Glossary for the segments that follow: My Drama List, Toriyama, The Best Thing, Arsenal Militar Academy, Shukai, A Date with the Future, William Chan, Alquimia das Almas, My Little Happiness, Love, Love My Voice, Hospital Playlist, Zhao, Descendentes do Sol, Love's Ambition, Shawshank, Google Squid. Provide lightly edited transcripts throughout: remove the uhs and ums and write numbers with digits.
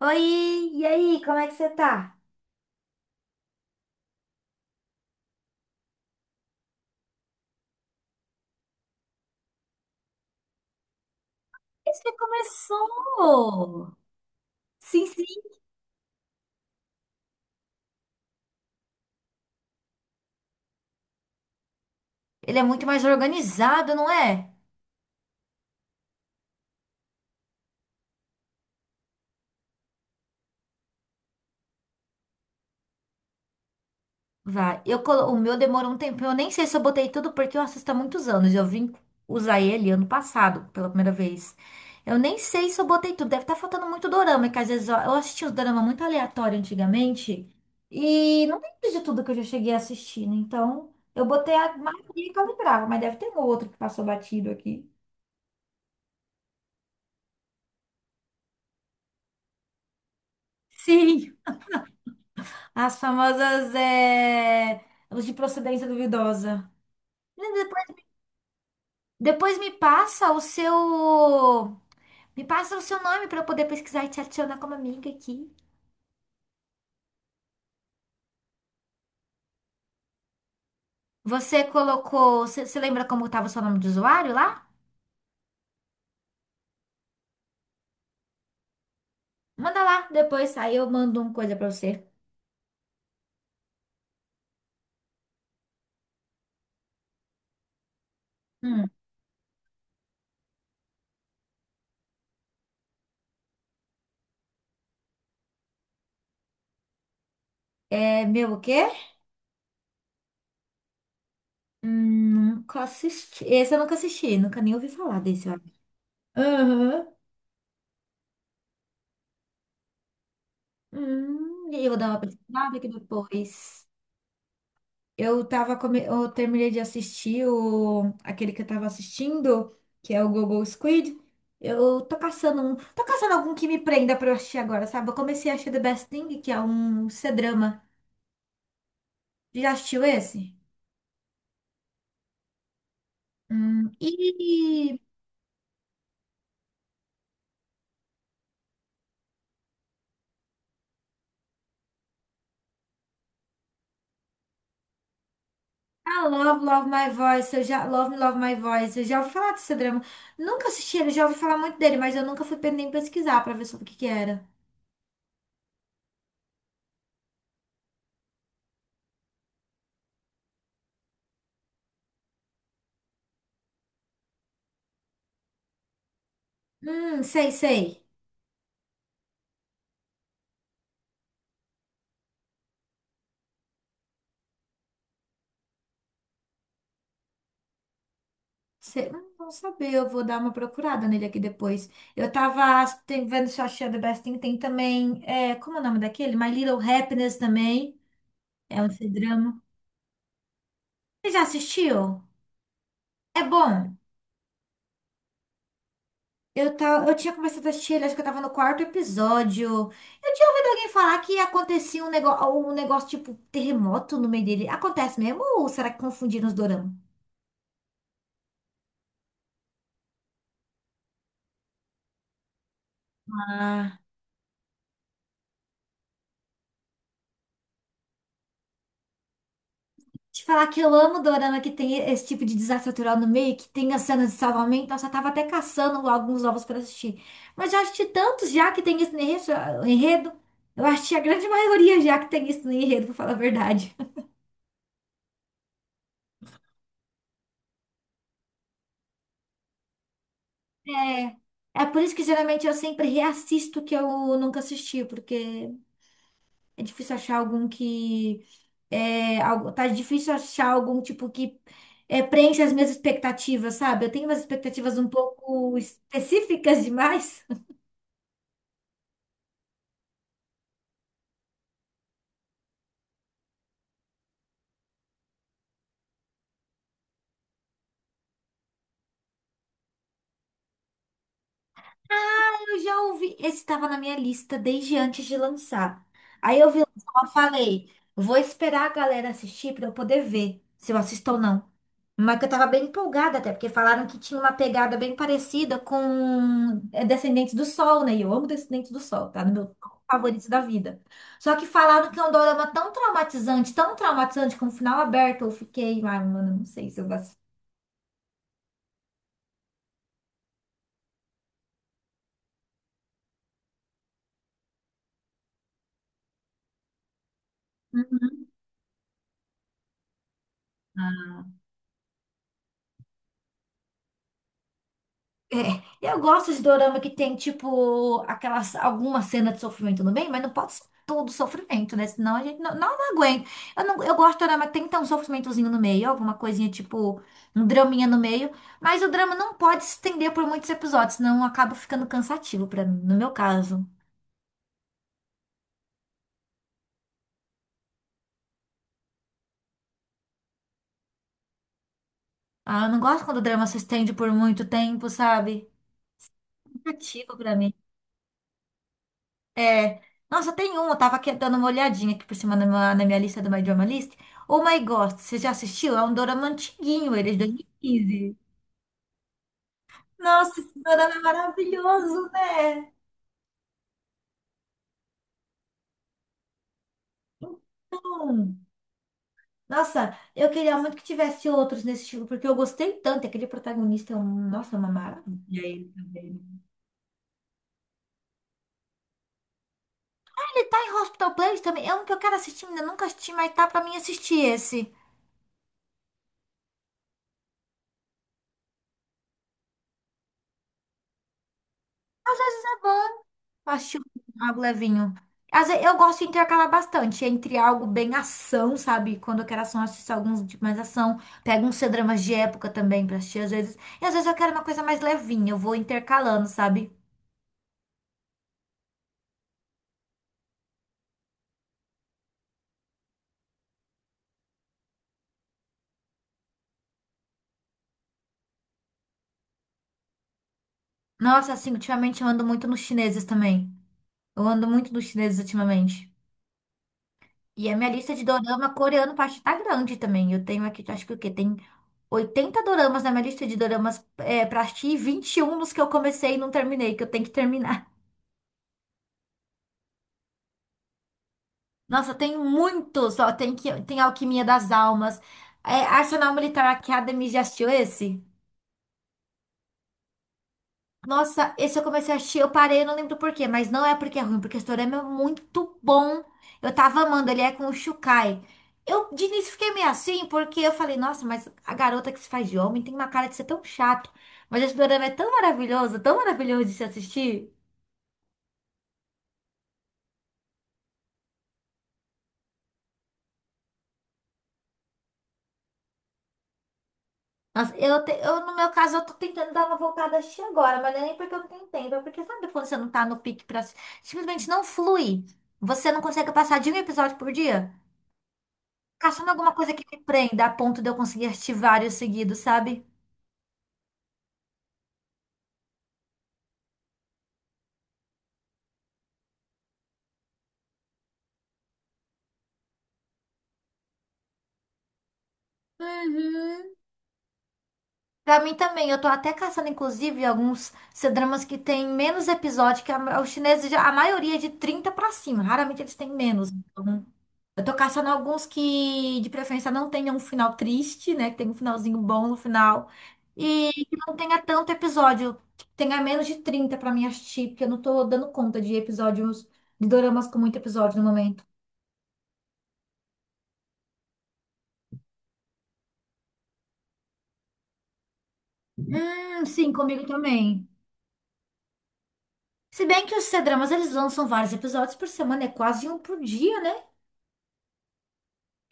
Oi, e aí, como é que você tá? Você começou! Sim, sim. Ele é muito mais organizado, não é? Vai. O meu demorou um tempo. Eu nem sei se eu botei tudo porque eu assisto há muitos anos. Eu vim usar ele ano passado, pela primeira vez. Eu nem sei se eu botei tudo. Deve estar faltando muito dorama, que às vezes eu assistia os dorama muito aleatório antigamente. E não tem de tudo que eu já cheguei assistindo. Então, eu botei a maioria que eu lembrava, mas deve ter um ou outro que passou batido aqui. Sim. As famosas, os de procedência duvidosa. Depois, depois me passa o seu nome para eu poder pesquisar e te adicionar como amiga aqui. Você colocou, você você lembra como tava o seu nome de usuário lá? Manda lá, depois aí eu mando uma coisa para você. Hum. É meu o quê? Nunca assisti. Esse eu nunca assisti, nunca nem ouvi falar desse, ó. Aham. E eu vou dar uma pesquisada aqui depois. Eu terminei de assistir aquele que eu tava assistindo, que é o Google Squid. Eu tô caçando um. Tô caçando algum que me prenda pra eu assistir agora, sabe? Eu comecei a assistir The Best Thing, que é um C-drama. Já assistiu esse? Hum. E ah, Love, Love My Voice, eu já. Love, Love My Voice, eu já ouvi falar desse drama. Nunca assisti ele, já ouvi falar muito dele, mas eu nunca fui nem pesquisar pra ver sobre o que que era. Sei, sei. Cê- hum, não saber, eu vou dar uma procurada nele aqui depois. Vendo Shawshank The Best Thing, tem também, como é o nome daquele? My Little Happiness também, é um drama. Você já assistiu? É bom. Eu, tá, eu tinha começado a assistir ele, acho que eu tava no quarto episódio. Eu tinha ouvido alguém falar que acontecia um negócio tipo terremoto no meio dele. Acontece mesmo ou será que confundiram os doramas? Ah, te falar que eu amo dorama que tem esse tipo de desafio cultural no meio, que tem as cenas de salvamento. Nossa, eu tava até caçando alguns novos pra assistir. Mas já assisti tantos já que tem esse enredo. Eu assisti a grande maioria já que tem isso no enredo, pra falar a verdade. É, é, por isso que geralmente eu sempre reassisto o que eu nunca assisti, porque é difícil achar algum que. É, tá difícil achar algum tipo que preenche as minhas expectativas, sabe? Eu tenho umas expectativas um pouco específicas demais. Eu já ouvi, esse estava na minha lista desde antes de lançar. Aí eu vi lançar, eu falei, vou esperar a galera assistir para eu poder ver se eu assisto ou não. Mas que eu tava bem empolgada até, porque falaram que tinha uma pegada bem parecida com Descendentes do Sol, né? E eu amo Descendentes do Sol, tá? No meu top favorito da vida. Só que falaram que é um dorama tão traumatizante, com o final aberto, eu fiquei, ai, mano, não sei se eu vou. É, eu gosto de dorama que tem, tipo, aquelas, alguma cena de sofrimento no meio mas não pode ser todo sofrimento, né? Senão a gente não aguenta. Eu, não, eu gosto de dorama que tem então um sofrimentozinho no meio, alguma coisinha, tipo, um draminha no meio, mas o drama não pode se estender por muitos episódios, senão acaba ficando cansativo pra mim, no meu caso. Ah, eu não gosto quando o drama se estende por muito tempo, sabe? Cansativo pra mim. É. Nossa, tem um, eu tava aqui dando uma olhadinha aqui por cima na minha lista do My Drama List. Oh My God, você já assistiu? É um dorama antiguinho, ele é de 2015. Nossa, esse dorama é maravilhoso, né? Então, nossa, eu queria muito que tivesse outros nesse estilo, porque eu gostei tanto. Aquele protagonista é um, nossa, é uma maravilha ele também. Ele tá em Hospital Playlist também, é um que eu quero assistir, ainda nunca assisti, mas tá pra mim assistir esse. Eu assisti algo levinho. Às vezes, eu gosto de intercalar bastante entre algo bem ação, sabe? Quando eu quero ação, eu assisto alguns de mais ação. Pego uns C-dramas de época também pra assistir às vezes. E às vezes eu quero uma coisa mais levinha, eu vou intercalando, sabe? Nossa, assim, ultimamente eu ando muito nos chineses também. Eu ando muito nos chineses ultimamente. E a minha lista de dorama coreano parte tá grande também. Eu tenho aqui, acho que o quê? Tem 80 doramas na minha lista de doramas pra assistir e 21 dos que eu comecei e não terminei, que eu tenho que terminar. Nossa, tem muitos. Ó, tem Alquimia das Almas. É, Arsenal Militar Academy, já assistiu esse? Nossa, esse eu comecei a assistir, eu parei, eu não lembro por quê, mas não é porque é ruim, porque o Toriyama é muito bom. Eu tava amando, ele é com o Shukai. Eu de início fiquei meio assim, porque eu falei, nossa, mas a garota que se faz de homem tem uma cara de ser tão chato. Mas esse dorama é tão maravilhoso de se assistir. Nossa, no meu caso, eu tô tentando dar uma voltada a assistir agora, mas não é nem porque eu não tenho tempo, é porque sabe quando você não tá no pique pra assistir? Simplesmente não flui. Você não consegue passar de um episódio por dia? Caçando alguma coisa que me prenda a ponto de eu conseguir assistir vários seguidos, sabe? Uhum. Pra mim também, eu tô até caçando, inclusive, alguns C-dramas que tem menos episódio, que os chineses, a maioria é de 30 pra cima, raramente eles têm menos. Então, eu tô caçando alguns que, de preferência, não tenham um final triste, né, que tenha um finalzinho bom no final, e que não tenha tanto episódio, que tenha menos de 30 pra mim assistir, porque eu não tô dando conta de episódios, de doramas com muito episódio no momento. Sim, comigo também. Se bem que os C-dramas, eles lançam vários episódios por semana, é quase um por dia, né?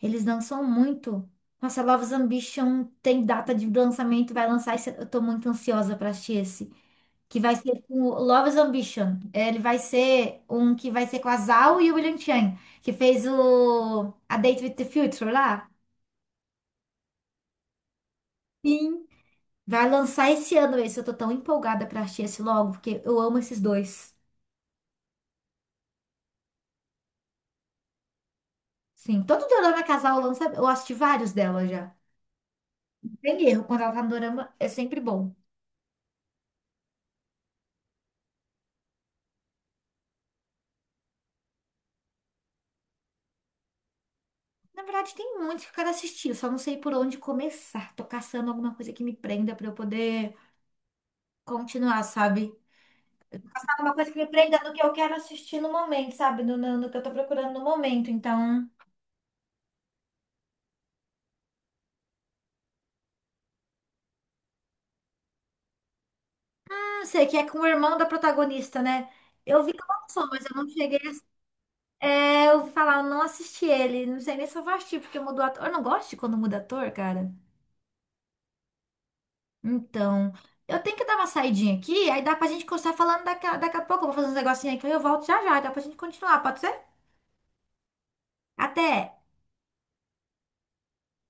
Eles lançam muito. Nossa, Love's Ambition tem data de lançamento, vai lançar esse. Eu tô muito ansiosa pra assistir esse. Que vai ser com o Love's Ambition. Ele vai ser um que vai ser com a Zhao e o William Chan, que fez o A Date with the Future lá. Sim. Vai lançar esse ano esse. Eu tô tão empolgada pra assistir esse logo, porque eu amo esses dois. Sim, todo dorama casal lança. Eu assisti vários dela já. Não tem erro. Quando ela tá no dorama, é sempre bom. Na verdade, tem muitos que eu quero assistir, eu só não sei por onde começar. Tô caçando alguma coisa que me prenda pra eu poder continuar, sabe? Alguma coisa que me prenda no que eu quero assistir no momento, sabe? No que eu tô procurando no momento. Então. Ah, não sei, que é com o irmão da protagonista, né? Eu vi que lançou, mas eu não cheguei. É, eu ouvi falar, eu não assisti ele. Não sei nem se eu vou assistir, porque mudou ator. Eu não gosto de quando muda ator, cara. Então, eu tenho que dar uma saidinha aqui, aí dá pra gente continuar falando daqui, daqui a pouco. Eu vou fazer uns negocinhos aqui, aí eu volto já já, dá pra gente continuar, pode ser? Até!